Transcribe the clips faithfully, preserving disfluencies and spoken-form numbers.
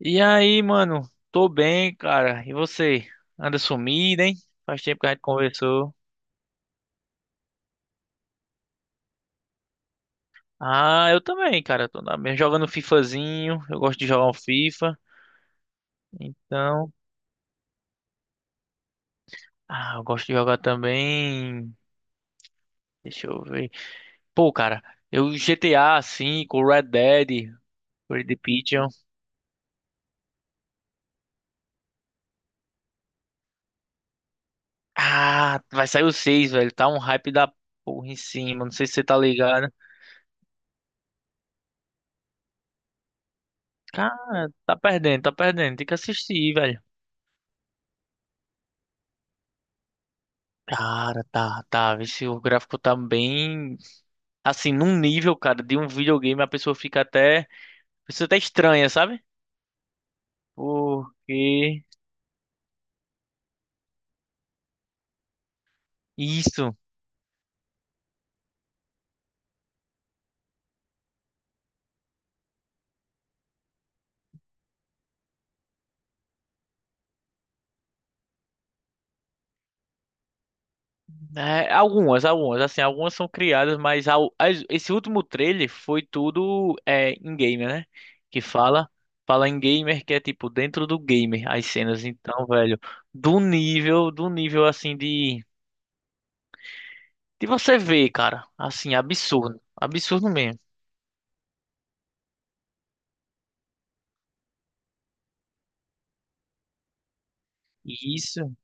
E aí, mano? Tô bem, cara. E você? Anda sumido, hein? Faz tempo que a gente conversou. Ah, eu também, cara. Tô na... mesma- jogando FIFAzinho. Eu gosto de jogar um FIFA. Então. Ah, eu gosto de jogar também. Deixa eu ver. Pô, cara, eu G T A V, o Red Dead, Red Dead Redemption. Ah, vai sair o seis, velho. Tá um hype da porra em cima. Não sei se você tá ligado. Cara, tá perdendo, tá perdendo. Tem que assistir, velho. Cara, tá, tá. Vê se o gráfico tá bem. Assim, num nível, cara, de um videogame, a pessoa fica até. A pessoa até estranha, sabe? Porque. Isso. É, algumas, algumas. Assim, algumas são criadas, mas ao- as- esse último trailer foi tudo é, in-gamer, né? Que fala. Fala em gamer, que é tipo dentro do gamer as cenas. Então, velho, do nível, do nível assim de. De você ver, cara. Assim, absurdo. Absurdo mesmo. Isso.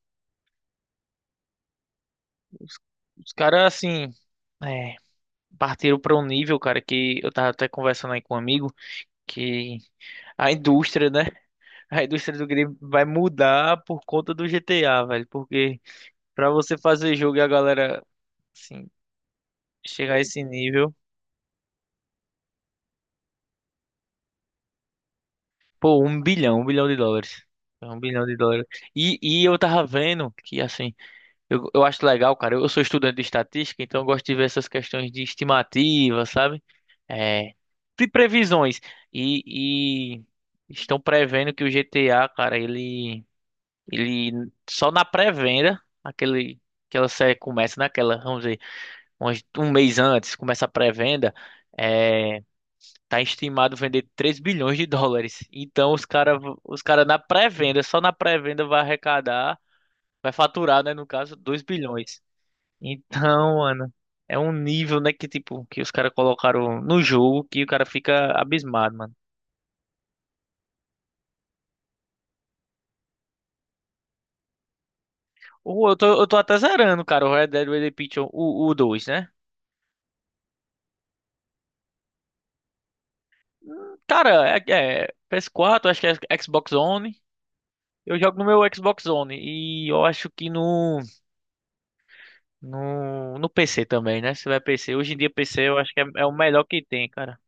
Os caras, assim, é, partiram para um nível, cara, que eu tava até conversando aí com um amigo, que a indústria, né? A indústria do game vai mudar por conta do G T A, velho. Porque pra você fazer jogo e a galera, assim, chegar a esse nível, pô, um bilhão, um bilhão de dólares. É Um bilhão de dólares. E, e eu tava vendo que, assim, Eu, eu acho legal, cara. Eu, eu sou estudante de estatística, então eu gosto de ver essas questões de estimativa, sabe? É, de previsões. E, e estão prevendo que o G T A, cara, ele, ele só na pré-venda, aquele, aquela série começa naquela, vamos dizer, umas- um mês antes, começa a pré-venda, é, tá estimado vender três bilhões de dólares. Então os cara, os cara na pré-venda, só na pré-venda vai arrecadar, vai faturar, né, no caso, dois bilhões. Então, Ana é um nível, né, que tipo, que os caras colocaram no jogo que o cara fica abismado, mano. Ou eu tô, eu tô até zerando, cara, o Red Dead Redemption, o, o dois, né? Hum, Cara, é, é P S quatro, acho que é Xbox One. Eu jogo no meu Xbox One e eu acho que no, no, no P C também, né? Se tiver P C. Hoje em dia P C eu acho que é, é o melhor que tem, cara.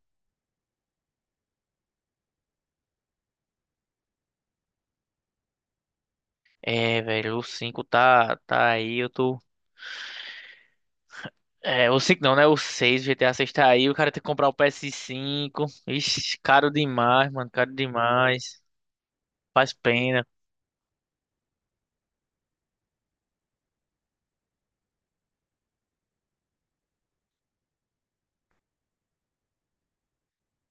É, velho, o cinco tá, tá aí, eu tô É, o cinco não, né? O seis, G T A seis tá aí. O cara tem que comprar o P S cinco. Ixi, caro demais, mano. Caro demais. Faz pena.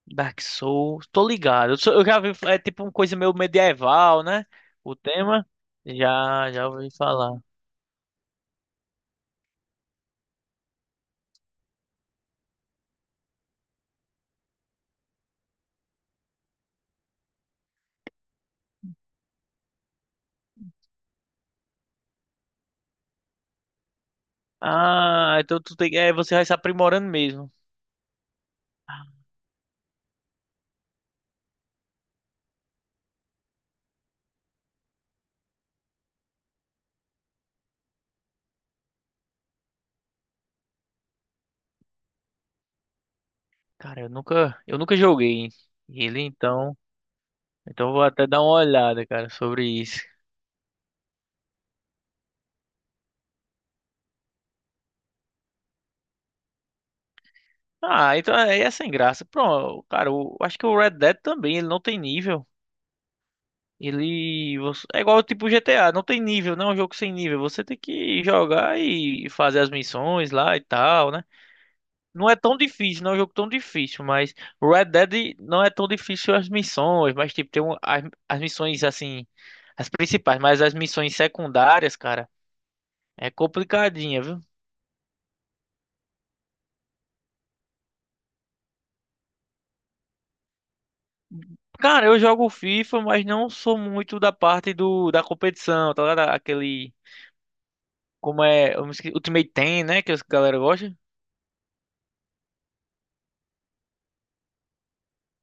Dark Souls. Tô ligado. Eu, sou- eu já vi. É tipo uma coisa meio medieval, né? O tema. Já, já ouvi falar. Ah, então tu tem, é, você vai se aprimorando mesmo. Cara, eu nunca, eu nunca joguei ele, então. Então eu vou até dar uma olhada, cara, sobre isso. Ah, então aí é sem graça. Pronto, cara, eu acho que o Red Dead também, ele não tem nível. Ele você- é igual tipo G T A, não tem nível, não é um jogo sem nível. Você tem que jogar e fazer as missões lá e tal, né? Não é tão difícil, não é um jogo tão difícil, mas Red Dead não é tão difícil as missões, mas tipo tem um, as, as missões assim, as principais, mas as missões secundárias, cara, é complicadinha, viu? Cara, eu jogo FIFA, mas não sou muito da parte do da competição, tá ligado? Aquele como é, eu me esque- Ultimate Team, né, que as galera gosta.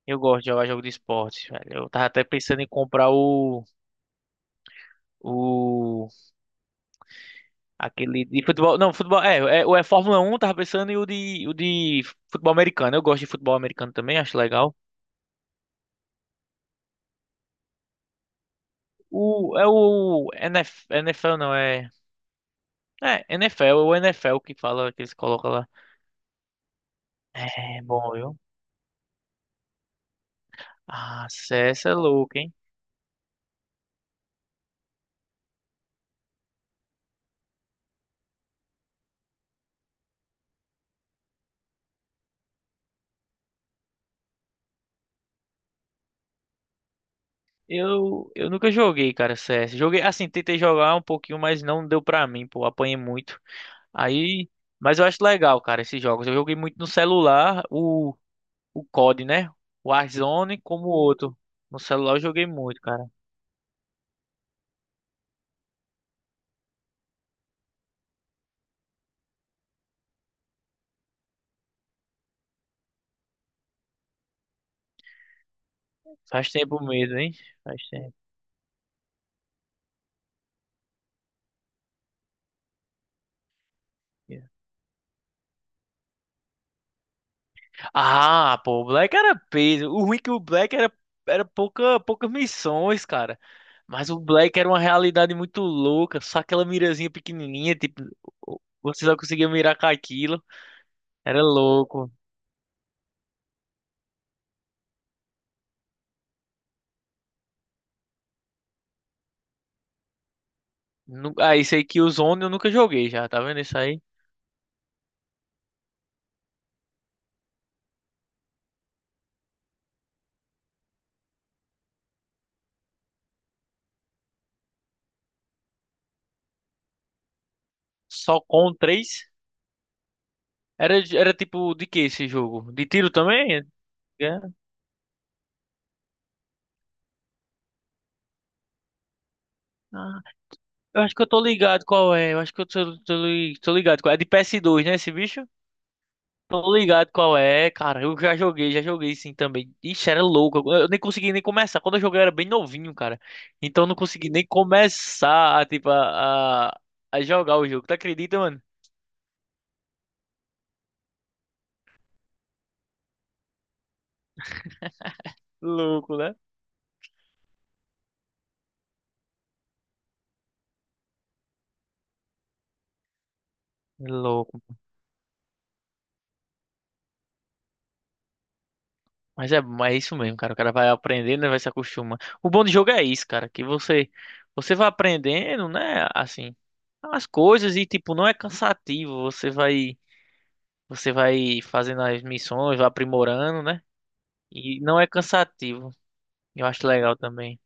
Eu gosto de jogar jogo de esporte, velho. Eu tava até pensando em comprar o. O. Aquele de futebol. Não, futebol. É, é, o é Fórmula Um. Tava pensando em o de, o de futebol americano. Eu gosto de futebol americano também, acho legal. O, é o NF, NFL. Não, é. É, NFL, é o NFL que fala, que eles colocam lá. É bom, viu? Ah, C S é louco, hein? Eu, eu nunca joguei, cara, C S. Joguei, assim, tentei jogar um pouquinho, mas não deu pra mim, pô. Apanhei muito. Aí, mas eu acho legal, cara, esses jogos. Eu joguei muito no celular, o, o C O D, né? O Warzone como o outro. No celular eu joguei muito, cara. Faz tempo mesmo, hein? Faz tempo. Yeah. Ah, pô, o Black era peso. O ruim é que o Black era, era pouca, poucas missões, cara. Mas o Black era uma realidade muito louca. Só aquela mirazinha pequenininha, tipo, o- você só conseguia mirar com aquilo. Era louco. Nu- Ah, isso aí que o Zone eu nunca joguei já, tá vendo isso aí? Só com três. Era, de- era tipo de que esse jogo? De tiro também? É? Ah, eu acho que eu tô ligado qual é. Eu acho que eu tô, tô, li- tô ligado qual é. É de P S dois, né, esse bicho? Tô ligado qual é, cara. Eu já joguei, já joguei sim também. Ixi, era louco. Eu eu nem consegui nem começar. Quando eu joguei eu era bem novinho, cara. Então eu não consegui nem começar a, tipo, a, a, a jogar o jogo. Tu acredita, mano? Louco, né? Louco. Mas é, mas é isso mesmo, cara. O cara vai aprendendo, né, vai se acostumando. O bom do jogo é isso, cara, que você você vai aprendendo, né, assim, as coisas e tipo, não é cansativo, você vai você vai fazendo as missões, vai aprimorando, né? E não é cansativo. Eu acho legal também.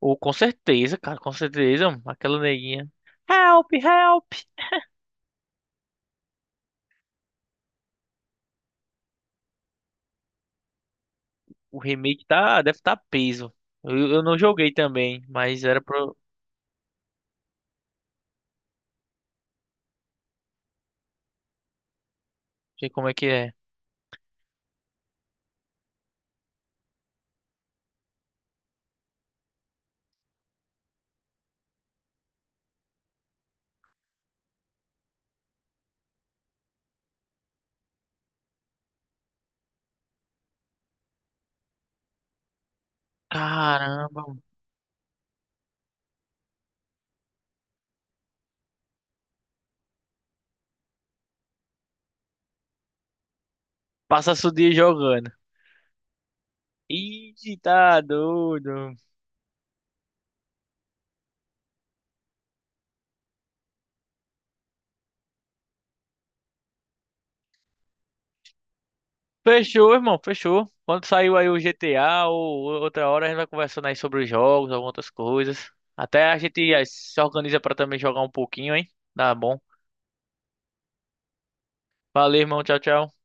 Ou com certeza, cara, com certeza, mano, aquela neguinha. Help, help. O remake tá deve estar tá peso. Eu, eu não joguei também, mas era pra eu ver como é que é. Caramba, mano. Passa o dia jogando. Ih, tá doido. Fechou, irmão, fechou. Quando saiu aí o G T A ou ou outra hora, a gente vai conversando aí sobre os jogos, algumas outras coisas. Até a gente eh, se organiza pra também jogar um pouquinho, hein? Tá bom. Valeu, irmão. Tchau, tchau.